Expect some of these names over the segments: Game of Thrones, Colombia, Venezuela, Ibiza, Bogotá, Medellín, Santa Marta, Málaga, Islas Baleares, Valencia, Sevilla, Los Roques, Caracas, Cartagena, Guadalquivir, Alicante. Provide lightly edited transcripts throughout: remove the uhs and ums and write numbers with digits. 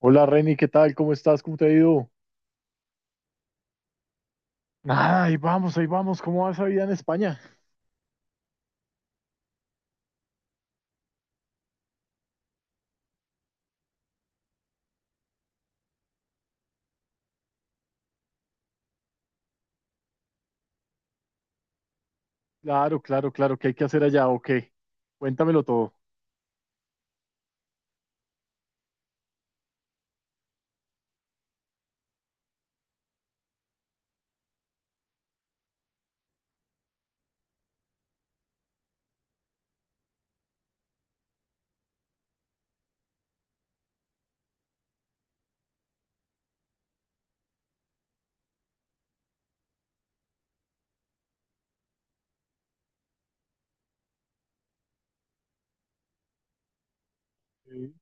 Hola Reni, ¿qué tal? ¿Cómo estás? ¿Cómo te ha ido? Ah, ahí vamos, ahí vamos. ¿Cómo va esa vida en España? Claro, claro, claro. ¿Qué hay que hacer allá? Ok. Cuéntamelo todo. Sí.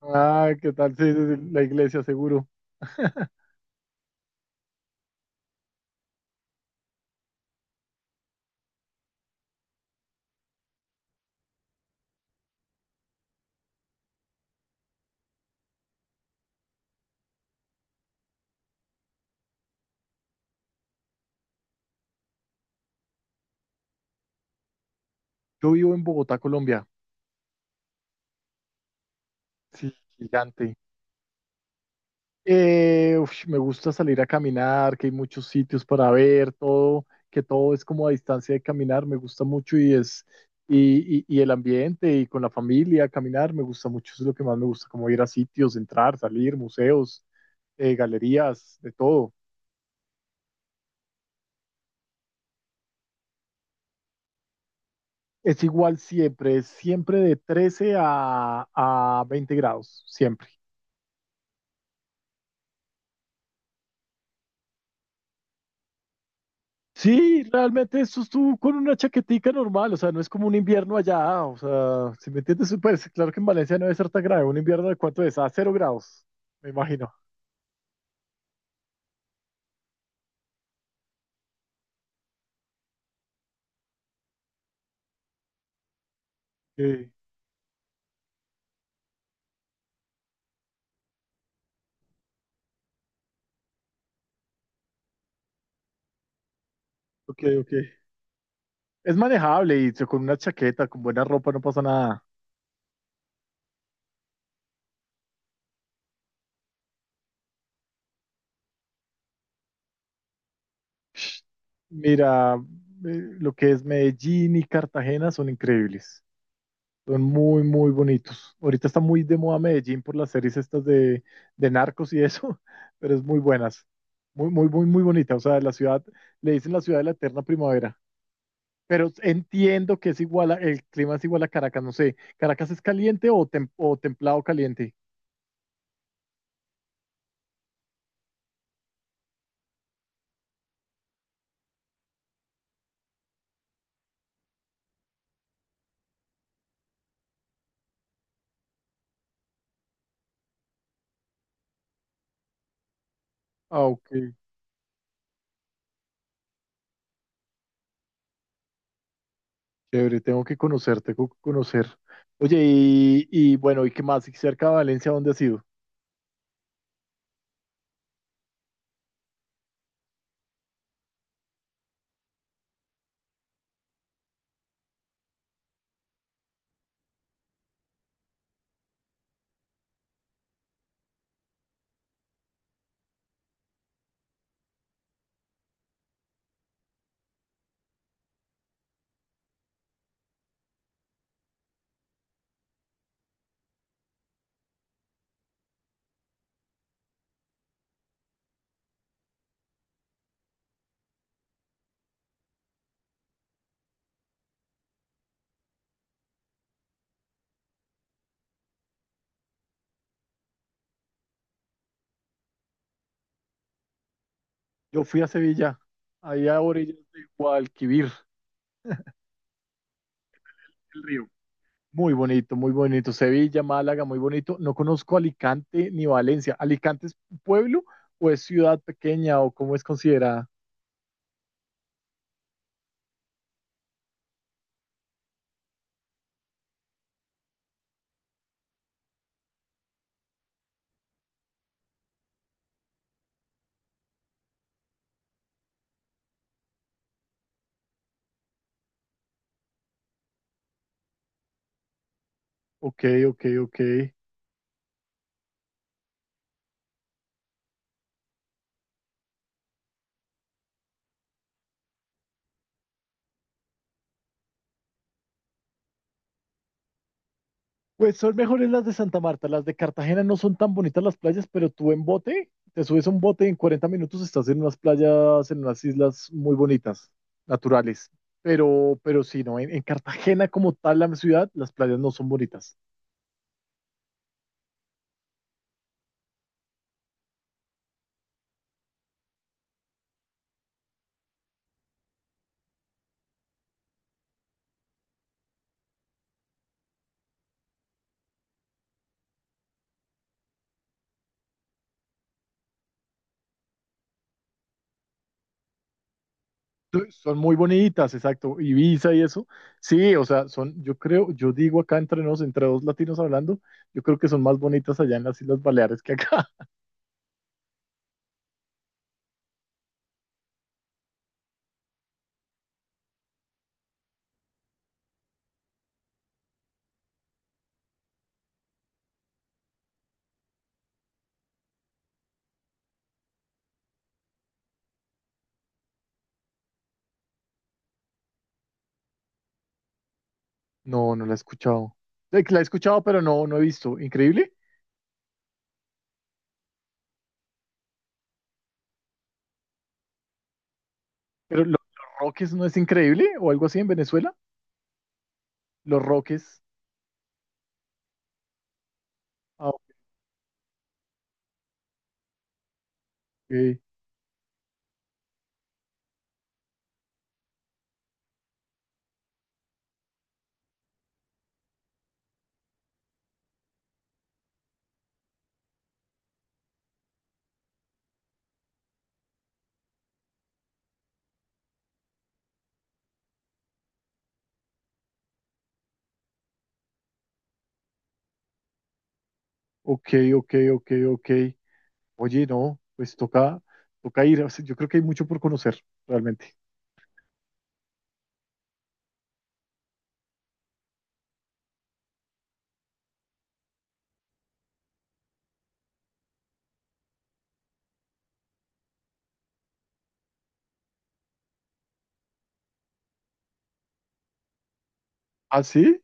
Ah, ¿qué tal? Sí, sí, sí, la iglesia, seguro. Yo vivo en Bogotá, Colombia. Sí, gigante. Uf, me gusta salir a caminar, que hay muchos sitios para ver, todo, que todo es como a distancia de caminar. Me gusta mucho y es, y el ambiente y con la familia, caminar, me gusta mucho. Eso es lo que más me gusta, como ir a sitios, entrar, salir, museos, galerías, de todo. Es igual siempre, es siempre de 13 a 20 grados, siempre. Sí, realmente eso estuvo con una chaquetica normal, o sea, no es como un invierno allá, o sea, si me entiendes, pues claro que en Valencia no debe ser tan grave, un invierno de cuánto es, a 0 grados, me imagino. Sí, ok, ok. Es manejable y con una chaqueta, con buena ropa no pasa nada. Mira, lo que es Medellín y Cartagena son increíbles. Son muy, muy bonitos. Ahorita está muy de moda Medellín por las series estas de narcos y eso, pero es muy buenas. Muy, muy, muy, muy bonita. O sea, la ciudad, le dicen la ciudad de la eterna primavera. Pero entiendo que es igual, el clima es igual a Caracas. No sé, ¿Caracas es caliente o, o templado caliente? Ah, ok, chévere, tengo que conocer, tengo que conocer. Oye, y bueno, ¿y qué más? ¿Y cerca de Valencia, dónde has ido? Yo fui a Sevilla, allá a orillas de Guadalquivir, el río. Muy bonito, muy bonito. Sevilla, Málaga, muy bonito. No conozco Alicante ni Valencia. ¿Alicante es pueblo o es ciudad pequeña o cómo es considerada? Ok, ok, ok. Pues son mejores las de Santa Marta. Las de Cartagena no son tan bonitas las playas, pero tú en bote, te subes a un bote y en 40 minutos estás en unas playas, en unas islas muy bonitas, naturales. Pero sí, no, en Cartagena como tal la ciudad, las playas no son bonitas. Son muy bonitas, exacto. Ibiza y eso. Sí, o sea, son, yo creo, yo digo acá entre nos, entre dos latinos hablando, yo creo que son más bonitas allá en las Islas Baleares que acá. No, no la he escuchado. La he escuchado, pero no, no he visto. Increíble. Pero los Roques no es increíble o algo así en Venezuela. Los Roques. Ah, ok, ok, ok, ok, ok. Oye, no, pues toca, toca ir. O sea, yo creo que hay mucho por conocer, realmente. ¿Ah, sí?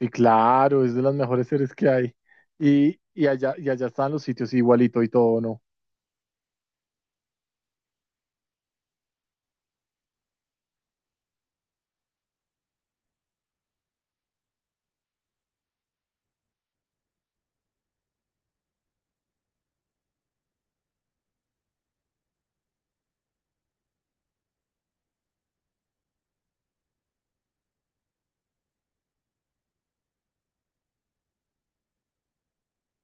Sí, claro, es de las mejores series que hay. Y allá, y allá están los sitios igualito y todo, ¿no?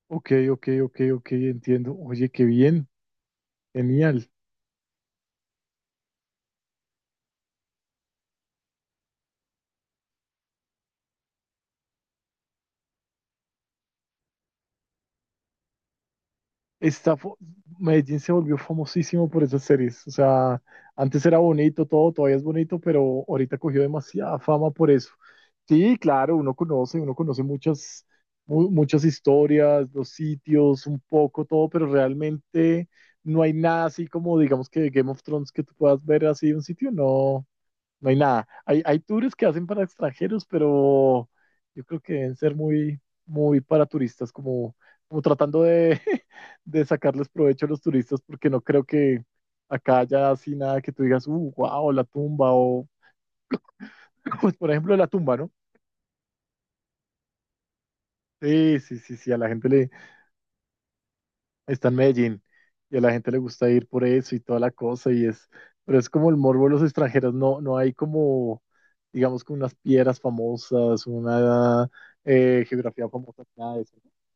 Ok, ok, ok, ok, entiendo. Oye, qué bien, genial. está, fo- Medellín se volvió famosísimo por esas series. O sea, antes era bonito todo, todavía es bonito, pero ahorita cogió demasiada fama por eso. Sí, claro, uno conoce muchas, muchas historias, los sitios, un poco todo, pero realmente no hay nada así como, digamos que Game of Thrones que tú puedas ver así un sitio, no, no hay nada. Hay tours que hacen para extranjeros, pero yo creo que deben ser muy, muy para turistas, como tratando de de sacarles provecho a los turistas porque no creo que acá haya así nada que tú digas, wow, la tumba o, pues por ejemplo, la tumba, ¿no? Sí, sí, sí, sí, a la gente le está en Medellín y a la gente le gusta ir por eso y toda la cosa y es, pero es como el morbo de los extranjeros, no, no hay como, digamos, como unas piedras famosas, una geografía famosa, nada de eso.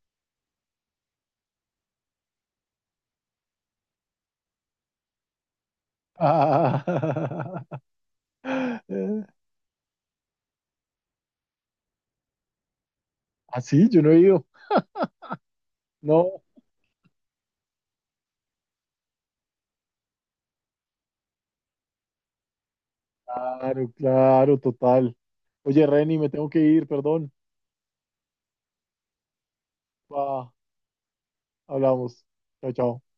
Ah, así, yo no he ido, no. Claro, claro, total. Oye, Reni, me tengo que ir, perdón. Va, hablamos. Chao, chao.